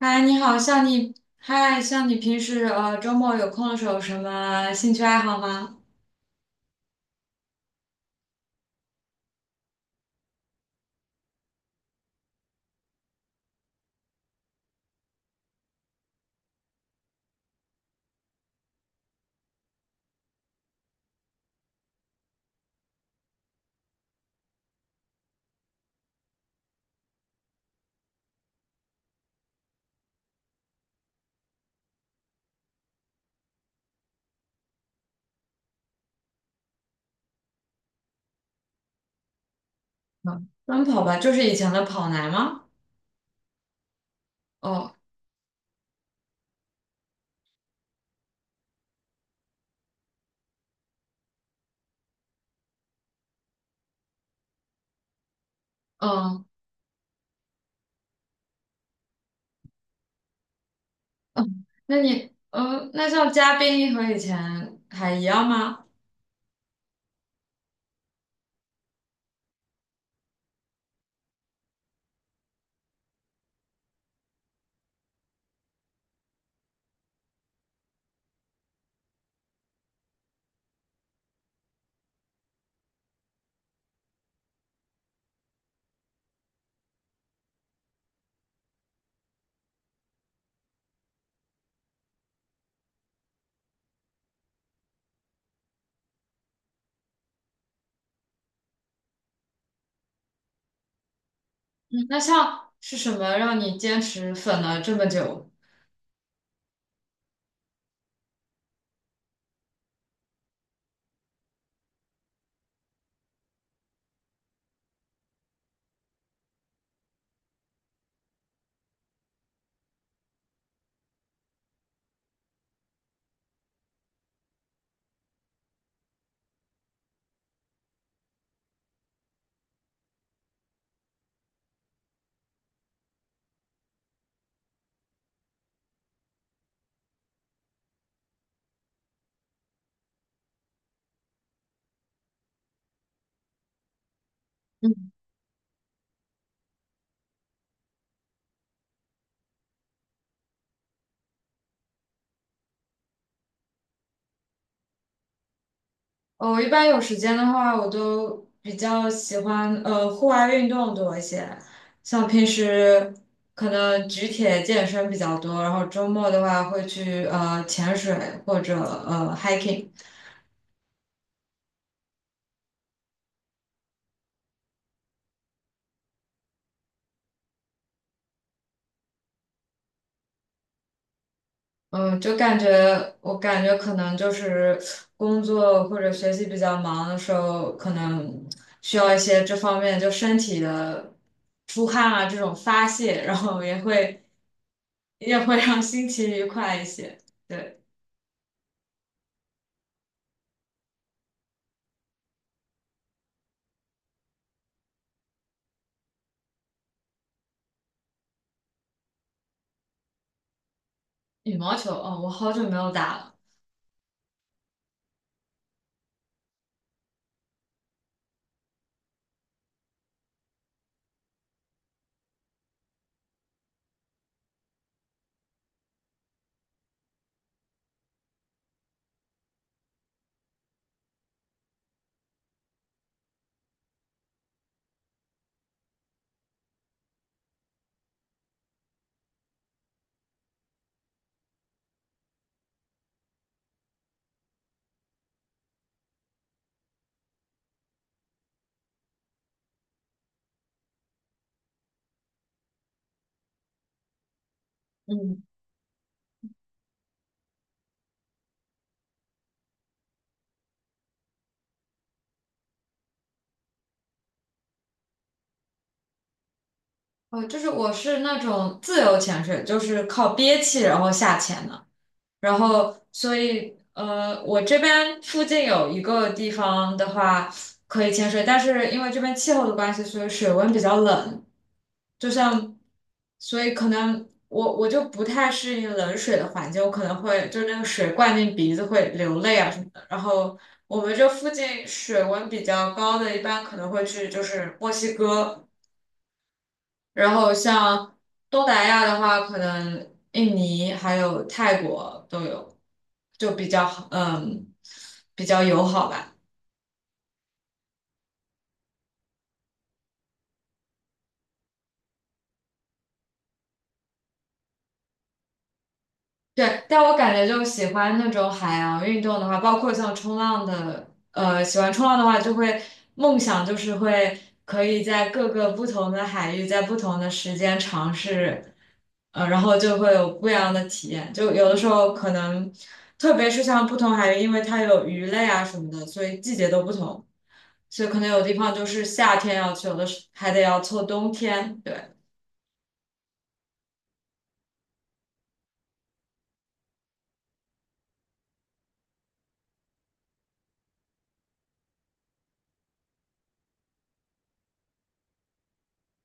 嗨，你好，像你平时周末有空的时候有什么兴趣爱好吗？嗯，奔跑吧，就是以前的跑男吗？哦，嗯嗯，那像嘉宾和以前还一样吗？嗯，那像是什么让你坚持粉了这么久？呃我一般有时间的话，我都比较喜欢户外运动多一些，像平时可能举铁健身比较多，然后周末的话会去潜水或者hiking，嗯，就感觉我感觉可能就是工作或者学习比较忙的时候，可能需要一些这方面就身体的出汗啊这种发泄，然后也会让心情愉快一些，对。羽毛球，哦，我好久没有打了。嗯，哦，就是我是那种自由潜水，就是靠憋气然后下潜的。然后，所以呃，我这边附近有一个地方的话可以潜水，但是因为这边气候的关系，所以水温比较冷。就像，所以可能我就不太适应冷水的环境，我可能会就是那个水灌进鼻子会流泪啊什么的。然后我们这附近水温比较高的，一般可能会去就是墨西哥，然后像东南亚的话，可能印尼还有泰国都有，就比较好，嗯，比较友好吧。对，但我感觉就喜欢那种海洋运动的话，包括像冲浪的，呃，喜欢冲浪的话，就会梦想就是会可以在各个不同的海域，在不同的时间尝试，呃，然后就会有不一样的体验。就有的时候可能，特别是像不同海域，因为它有鱼类啊什么的，所以季节都不同，所以可能有地方就是夏天要去，有的是还得要凑冬天。对。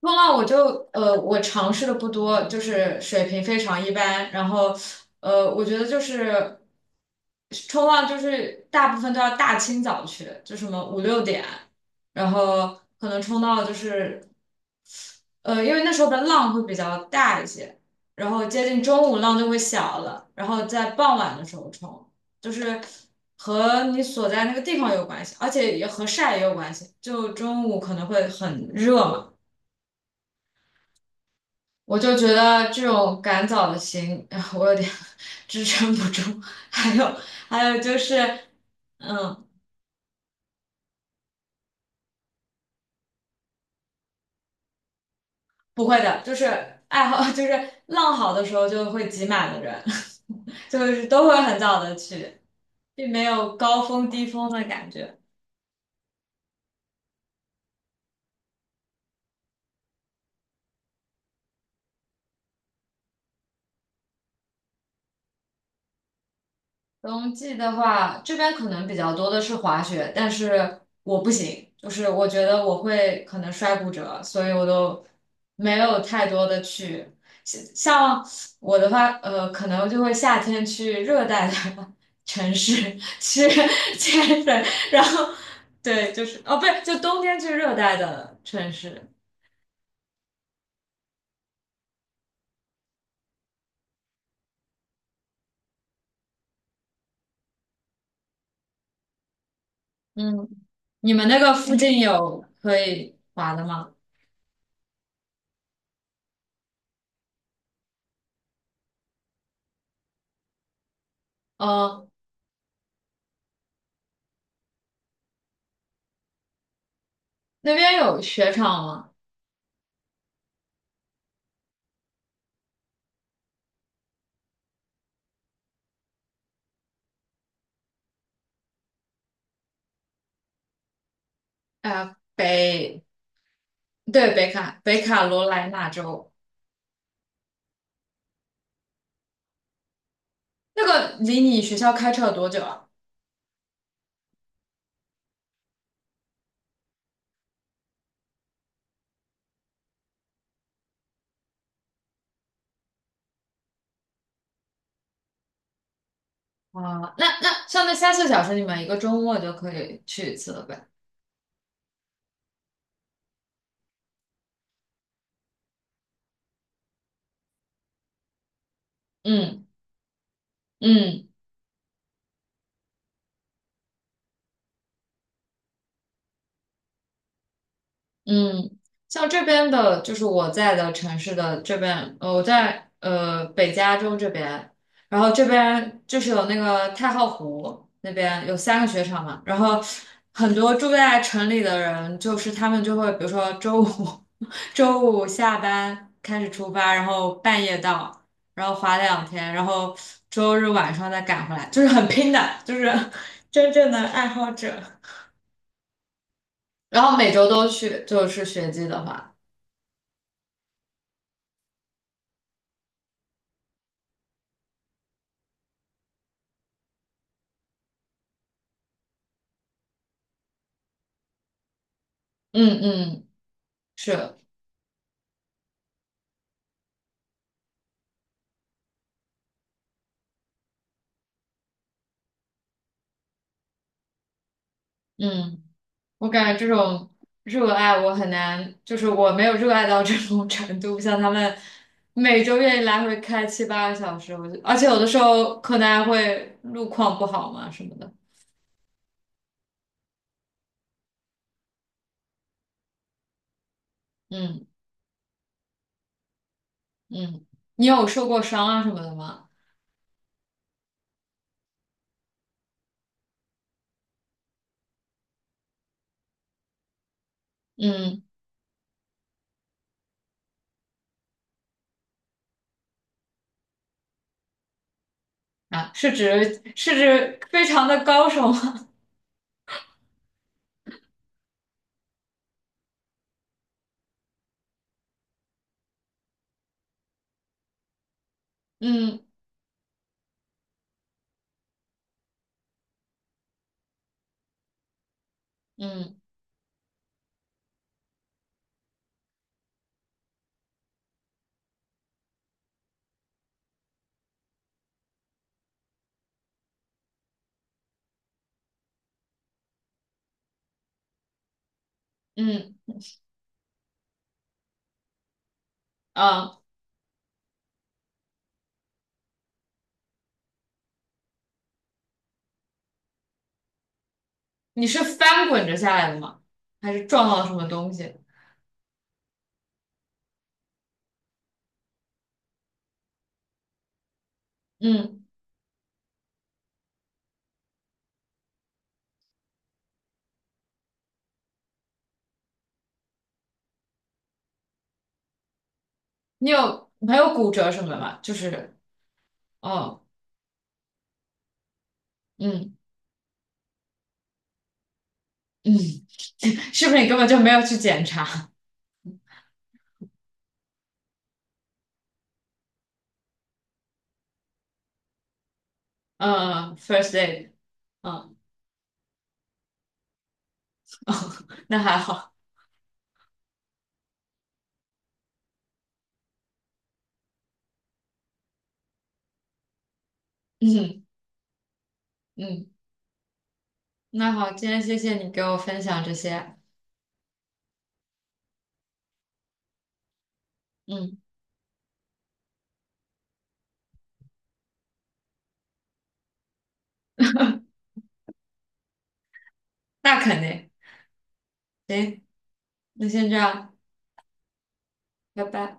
冲浪我就呃，我尝试的不多，就是水平非常一般。然后我觉得就是冲浪，就是大部分都要大清早去，就什么5、6点，然后可能冲到就是因为那时候的浪会比较大一些，然后接近中午浪就会小了，然后在傍晚的时候冲，就是和你所在那个地方有关系，而且也和晒也有关系。就中午可能会很热嘛。我就觉得这种赶早的行，哎我有点 支撑不住。还有，还有就是，嗯，不会的，就是爱好，就是浪好的时候就会挤满的人，就是都会很早的去，并没有高峰低峰的感觉。冬季的话，这边可能比较多的是滑雪，但是我不行，就是我觉得我会可能摔骨折，所以我都没有太多的去。像像我的话，呃，可能就会夏天去热带的 城市去 潜水，然后对，就是哦，不是，就冬天去热带的城市。嗯，你们那个附近有可以滑的吗？呃，那边有雪场吗？哎呀北对，北卡北卡罗来纳州，那个离你学校开车有多久啊？啊，那那像那3、4个小时，你们一个周末就可以去一次了呗？嗯嗯。嗯，像这边的，就是我在的城市的这边，呃，我在呃北加州这边，然后这边就是有那个太浩湖那边有3个雪场嘛，然后很多住在城里的人，就是他们就会，比如说周五 周五下班开始出发，然后半夜到，然后滑2天，然后周日晚上再赶回来，就是很拼的，就是 真正的爱好者。然后每周都去，就是雪季的话。嗯嗯，是，嗯，我感觉这种热爱我很难，就是我没有热爱到这种 程度，像他们每周愿意来回开7、8个小时，我就，而且有的时候可能还会路况不好嘛什么的，嗯嗯，你有受过伤啊什么的吗？嗯啊，是指非常的高手吗？嗯嗯嗯啊，你是翻滚着下来的吗？还是撞到了什么东西？嗯。你有没有骨折什么的吗？就是，哦，嗯嗯，是不是你根本就没有去检查？嗯嗯，first day 嗯，哦，那还好，嗯嗯，那好，今天谢谢你给我分享这些，嗯，那肯定，行，那先这样，拜拜。